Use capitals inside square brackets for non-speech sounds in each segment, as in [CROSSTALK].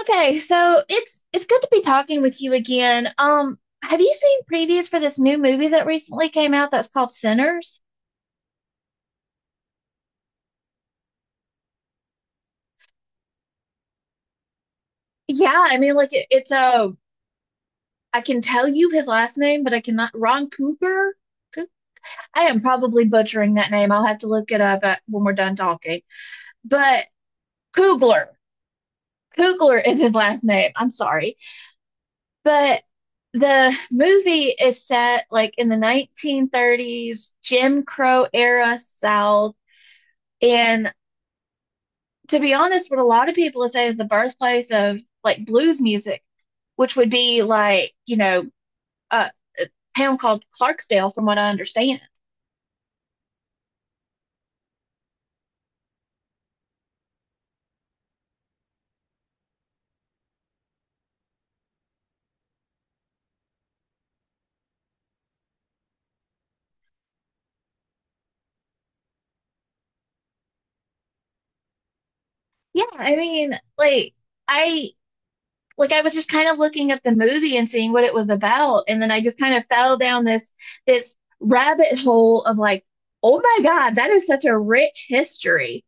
Okay, so it's good to be talking with you again. Have you seen previews for this new movie that recently came out that's called Sinners? Yeah, I mean, like it, it's a I can tell you his last name, but I cannot. Ron Cougar. Cou- I am probably butchering that name. I'll have to look it up when we're done talking. But Coogler, Coogler is his last name. I'm sorry, but the movie is set like in the 1930s Jim Crow era South. And to be honest, what a lot of people say is the birthplace of like blues music, which would be like, uh, a town called Clarksdale, from what I understand. Yeah, I mean, like I I was just kind of looking up the movie and seeing what it was about, and then I just kind of fell down this rabbit hole of like, oh my God, that is such a rich history.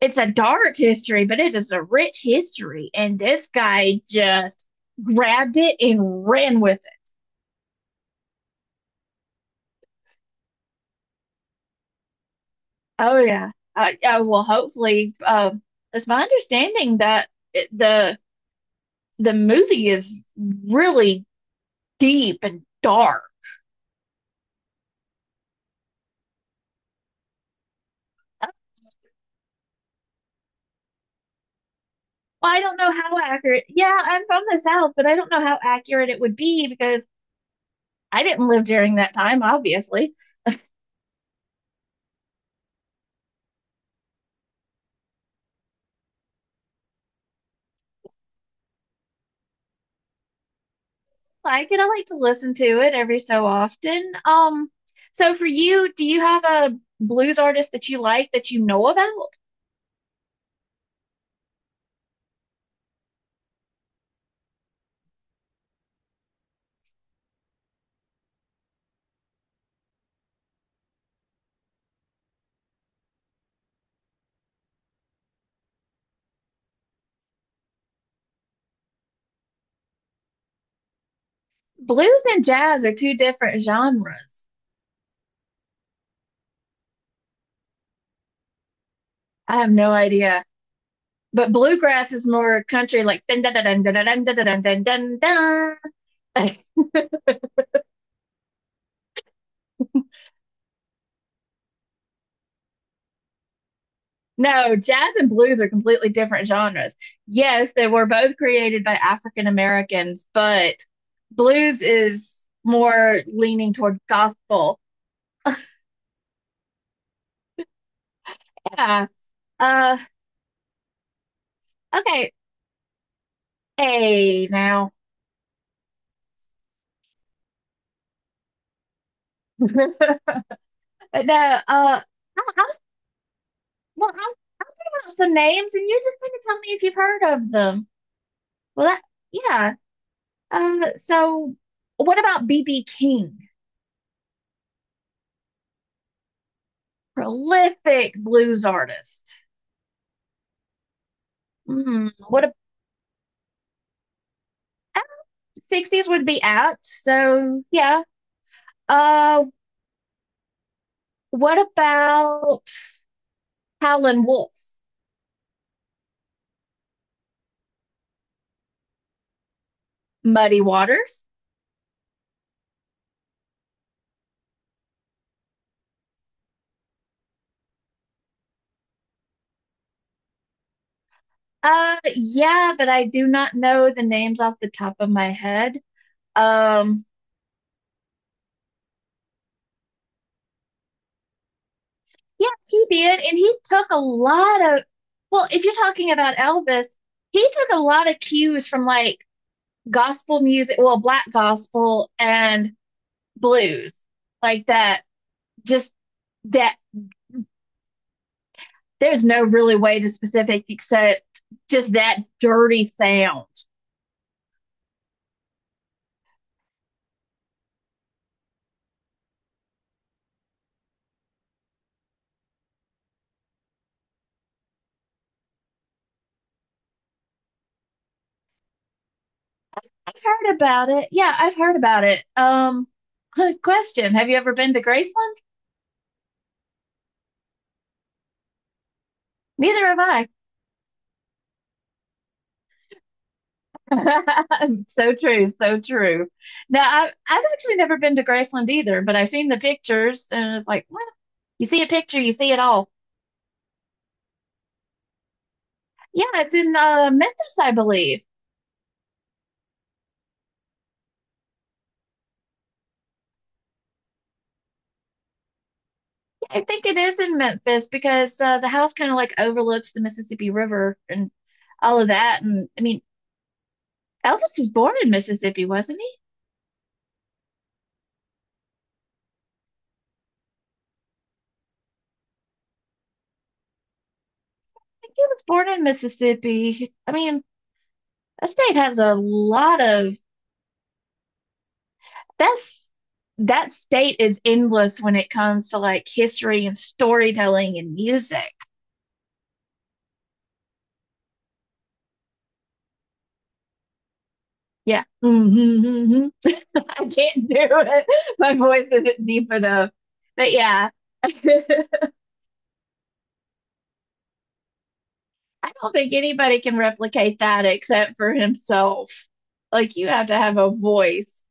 It's a dark history, but it is a rich history, and this guy just grabbed it and ran with it. Oh yeah. I well, hopefully, it's my understanding that it, the movie is really deep and dark. Well, I don't know how accurate. Yeah, I'm from the South, but I don't know how accurate it would be because I didn't live during that time, obviously. Like, and I like to listen to it every so often. So for you, do you have a blues artist that you like that you know about? Blues and jazz are two different genres. I have no idea. But bluegrass is more country, like dun dun dun dun dun dun dun dun dun dun dun. [LAUGHS] No, jazz and blues are completely different genres. Yes, they were both created by African Americans, but blues is more leaning toward gospel. [LAUGHS] Yeah. Uh, okay. Hey, now. [LAUGHS] No, uh, I, I was, well, I was thinking about some names, and you're just going to tell me if you've heard of them. Well, that, yeah. So what about B.B. King? Prolific blues artist. Hmm. What about 60s would be apt. So, yeah. Uh, what about Howlin' Wolf? Muddy Waters? Yeah, but I do not know the names off the top of my head. Um, yeah, he did, and he took a lot of, well, if you're talking about Elvis, he took a lot of cues from like gospel music, well, black gospel and blues, like that, just that there's no really way to specific except just that dirty sound. I've heard about it. Yeah, I've heard about it. [LAUGHS] Question. Have you ever been to Graceland? Neither have I. [LAUGHS] So true, so true. Now, I've actually never been to Graceland either, but I've seen the pictures and it's like, well, you see a picture, you see it all. Yeah, it's in Memphis, I believe. Yeah, I think it is in Memphis because the house kind of like overlooks the Mississippi River and all of that. And I mean, Elvis was born in Mississippi, wasn't he? I think he was born in Mississippi. I mean, that state has a lot of that's that state is endless when it comes to like history and storytelling and music. Yeah. Mm-hmm, mm-hmm. [LAUGHS] I can't do it. My voice isn't deep enough. But yeah, [LAUGHS] I don't think anybody can replicate that except for himself. Like, you have to have a voice.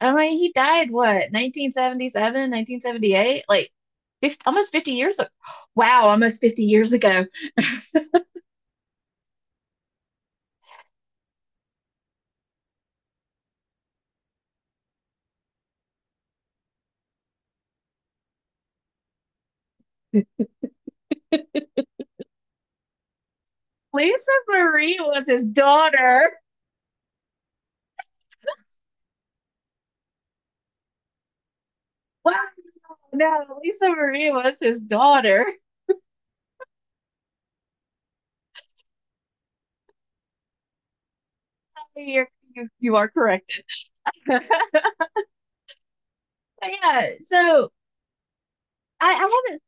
I mean, he died what, 1977, 1978? Like, 50, almost 50 years ago. [GASPS] Wow, almost 50 years ago. Lisa Marie was his daughter. [LAUGHS] Wow. No, Lisa Marie was his daughter. You're, you are corrected. [LAUGHS] But yeah, so I haven't.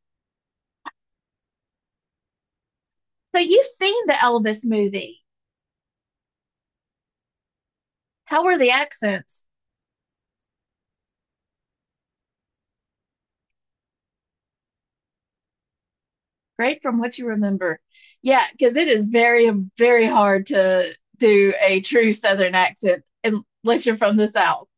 So you've seen the Elvis movie. How were the accents? Great from what you remember. Yeah, because it is very, very hard to do a true Southern accent unless you're from the South.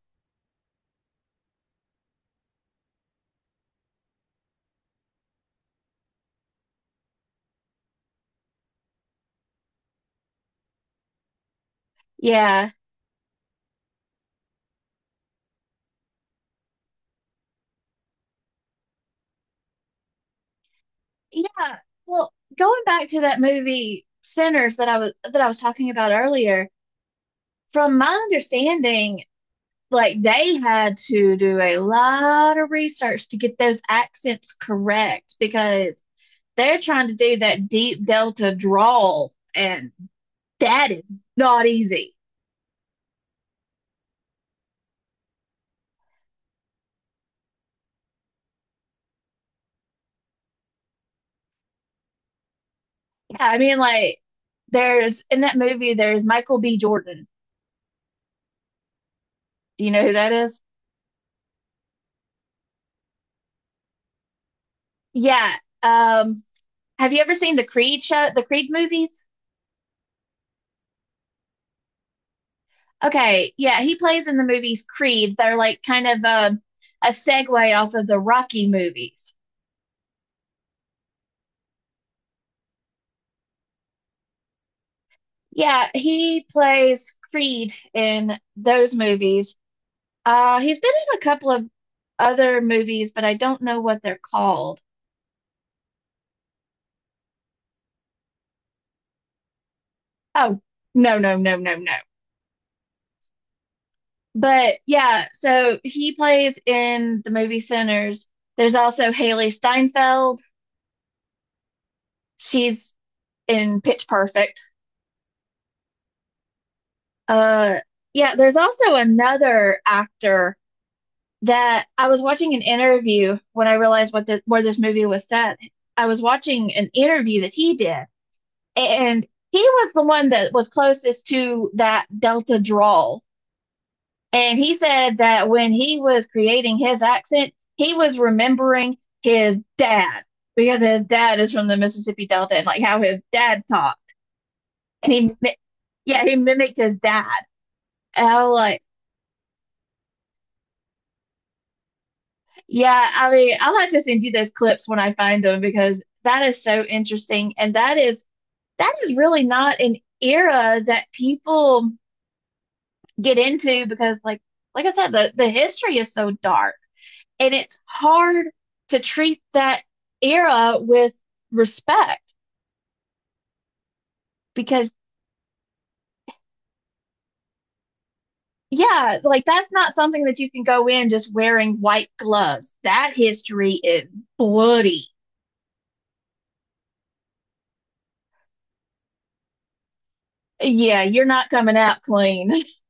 Yeah. Yeah. Well, going back to that movie Sinners that I was talking about earlier, from my understanding, like they had to do a lot of research to get those accents correct because they're trying to do that deep delta drawl and that is not easy. Yeah, I mean like there's in that movie there's Michael B. Jordan. Do you know who that is? Yeah. Um have you ever seen the Creed movies? Okay, yeah, he plays in the movies Creed. They're like kind of a segue off of the Rocky movies. Yeah, he plays Creed in those movies. He's been in a couple of other movies, but I don't know what they're called. Oh, no. But yeah, so he plays in the movie Sinners. There's also Haley Steinfeld. She's in Pitch Perfect. Uh, yeah, there's also another actor that I was watching an interview when I realized where this movie was set. I was watching an interview that he did and he was the one that was closest to that Delta drawl. And he said that when he was creating his accent, he was remembering his dad because his dad is from the Mississippi Delta and like how his dad talked. And he, yeah, he mimicked his dad. And I was like, yeah, I mean, I'll have to send you those clips when I find them because that is so interesting. That is really not an era that people get into because like I said, the history is so dark and it's hard to treat that era with respect because yeah, like that's not something that you can go in just wearing white gloves. That history is bloody. Yeah, you're not coming out clean. [LAUGHS]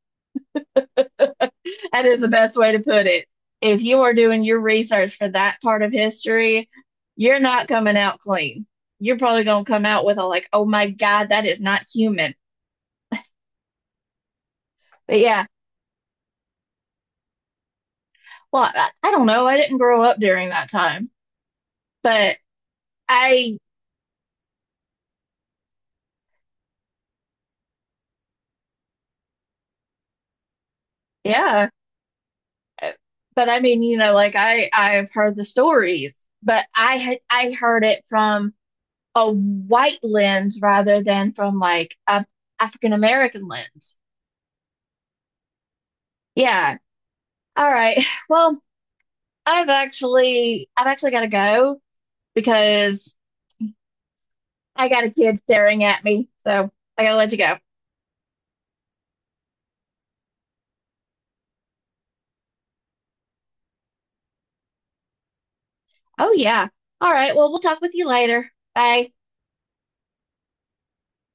That is the best way to put it. If you are doing your research for that part of history, you're not coming out clean. You're probably going to come out with a like, oh my God, that is not human. But yeah, well, I don't know. I didn't grow up during that time, but I, yeah. But I mean, you know, like I've heard the stories, but I heard it from a white lens rather than from like a African American lens. Yeah. All right. [LAUGHS] Well, I've actually got to go because I got a kid staring at me, so I gotta let you go. Oh yeah. All right. Well, we'll talk with you later. Bye.